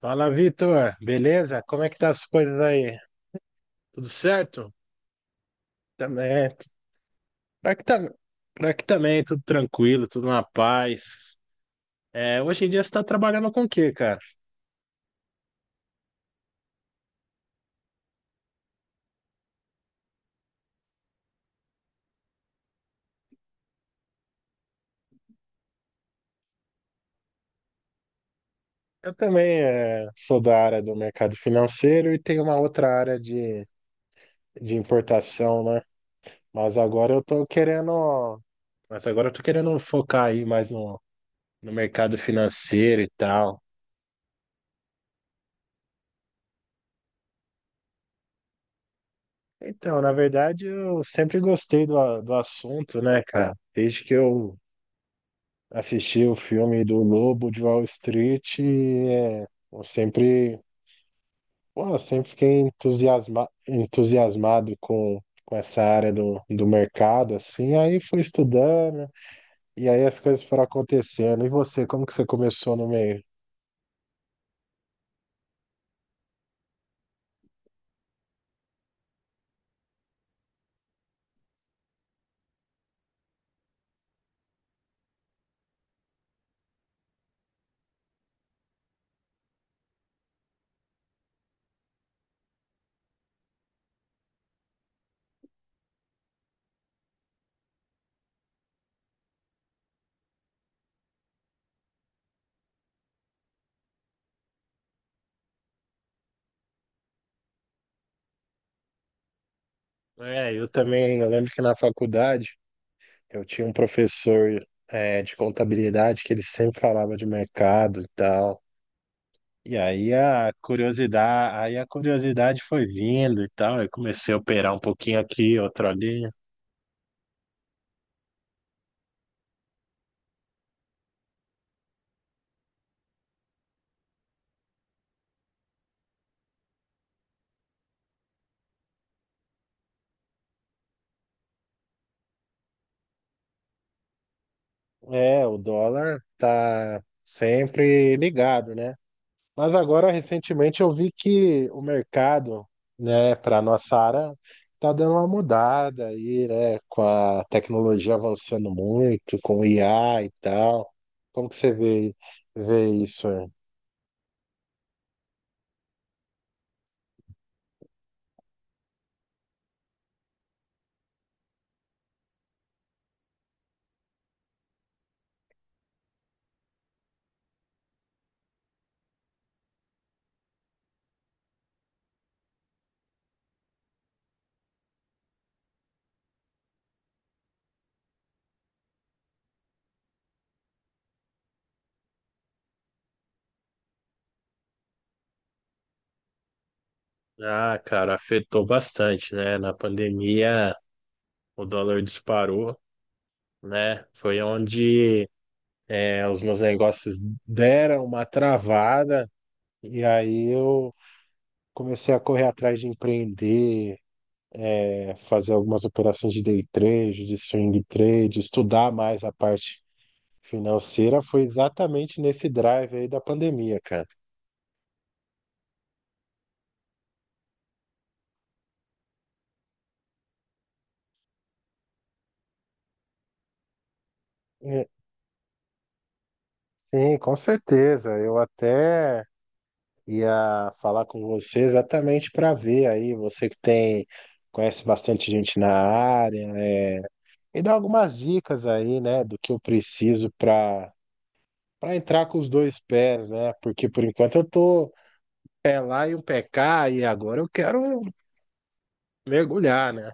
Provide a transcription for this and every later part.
Fala, Vitor. Beleza? Como é que tá as coisas aí? Tudo certo? Também. Pra que tá... Pra que também, tudo tranquilo, tudo na paz. Hoje em dia você está trabalhando com o quê, cara? Eu também sou da área do mercado financeiro e tenho uma outra área de importação, né? Mas agora eu tô querendo. Mas agora eu tô querendo focar aí mais no mercado financeiro e tal. Então, na verdade, eu sempre gostei do assunto, né, cara? Desde que eu assisti o filme do Lobo de Wall Street eu sempre, eu sempre fiquei entusiasmado com essa área do mercado, assim, aí fui estudando e aí as coisas foram acontecendo. E você, como que você começou no meio? É, eu também, eu lembro que na faculdade eu tinha um professor, de contabilidade que ele sempre falava de mercado e tal. E aí a curiosidade foi vindo e tal. Eu comecei a operar um pouquinho aqui, outro ali. É, o dólar tá sempre ligado, né? Mas agora, recentemente, eu vi que o mercado, né, para nossa área, tá dando uma mudada aí, né? Com a tecnologia avançando muito, com o IA e tal. Como que você vê, vê isso? é? Ah, cara, afetou bastante, né? Na pandemia, o dólar disparou, né? Foi onde os meus negócios deram uma travada e aí eu comecei a correr atrás de empreender, fazer algumas operações de day trade, de swing trade, estudar mais a parte financeira. Foi exatamente nesse drive aí da pandemia, cara. É, sim, com certeza. Eu até ia falar com você exatamente para ver aí, você que tem, conhece bastante gente na área, é, e dar algumas dicas aí, né, do que eu preciso para entrar com os dois pés, né? Porque por enquanto eu tô pé lá e um pé cá, e agora eu quero mergulhar, né?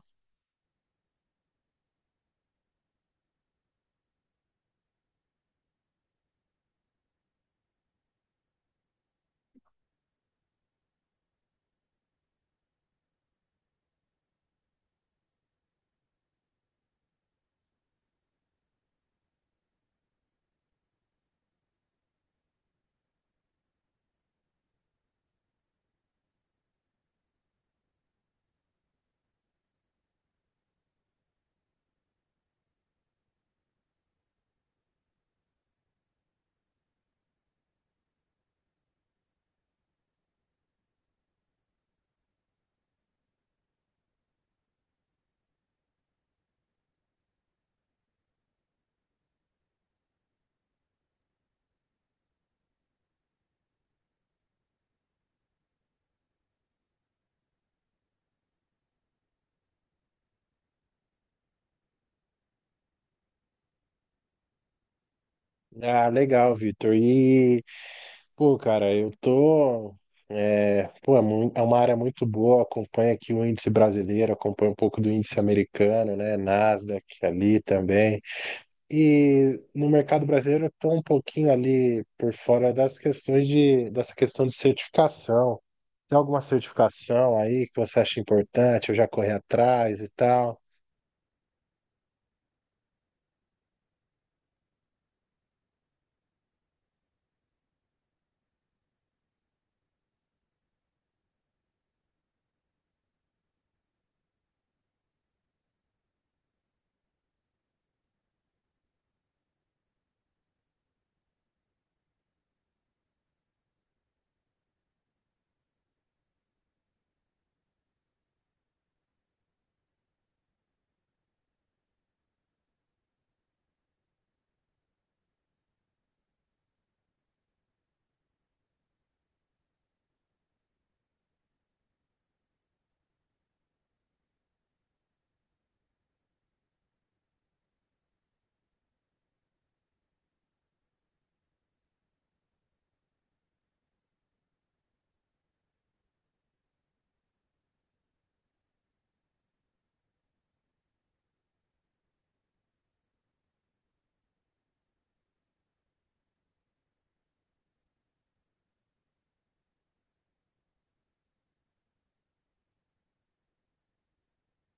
Ah, legal, Vitor. E, pô, cara, eu tô. Pô, é é uma área muito boa, acompanha aqui o índice brasileiro, acompanha um pouco do índice americano, né? Nasdaq ali também. E no mercado brasileiro eu estou um pouquinho ali por fora das questões dessa questão de certificação. Tem alguma certificação aí que você acha importante? Eu já corri atrás e tal.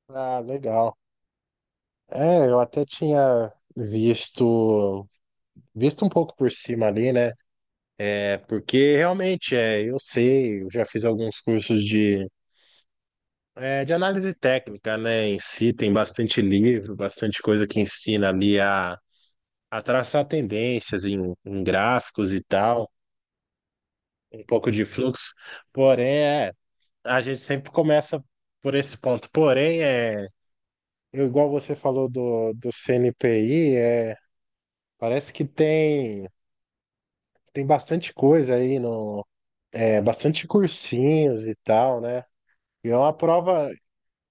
Ah, legal. É, eu até tinha visto, visto um pouco por cima ali, né? É, porque realmente é, eu sei, eu já fiz alguns cursos de, é, de análise técnica, né? Em si, tem bastante livro, bastante coisa que ensina ali a traçar tendências em, em gráficos e tal, um pouco de fluxo. Porém, é, a gente sempre começa por esse ponto. Porém, é, eu, igual você falou do CNPI, é, parece que tem, tem bastante coisa aí, no, é, bastante cursinhos e tal, né? E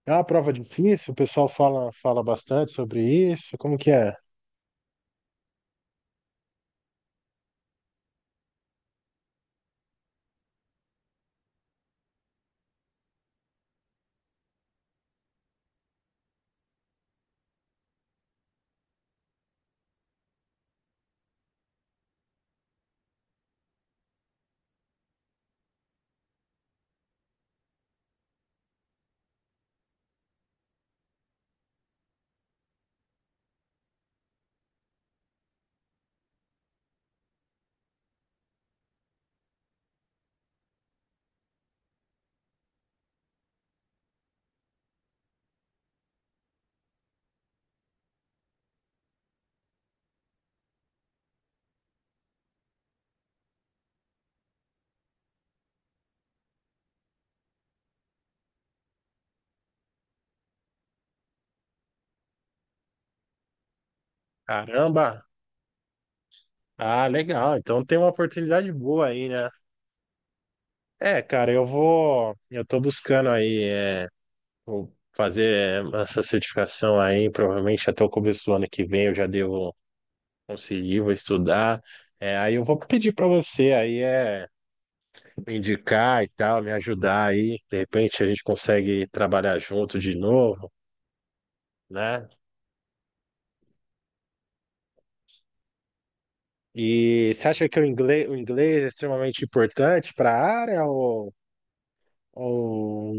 é uma prova difícil, o pessoal fala, fala bastante sobre isso. Como que é? Caramba! Ah, legal. Então tem uma oportunidade boa aí, né? É, cara, eu vou. Eu tô buscando aí é, o- fazer essa certificação aí, provavelmente até o começo do ano que vem eu já devo conseguir, vou estudar. É, aí eu vou pedir para você aí é me indicar e tal, me ajudar aí. De repente a gente consegue trabalhar junto de novo, né? E você acha que o inglês é extremamente importante para a área ou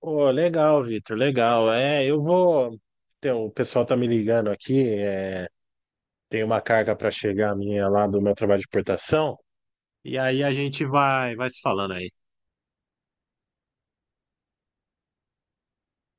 ô, legal, Vitor, legal. É, eu vou. Então, o pessoal tá me ligando aqui. Tem uma carga para chegar minha lá do meu trabalho de importação. E aí a gente vai, vai se falando aí.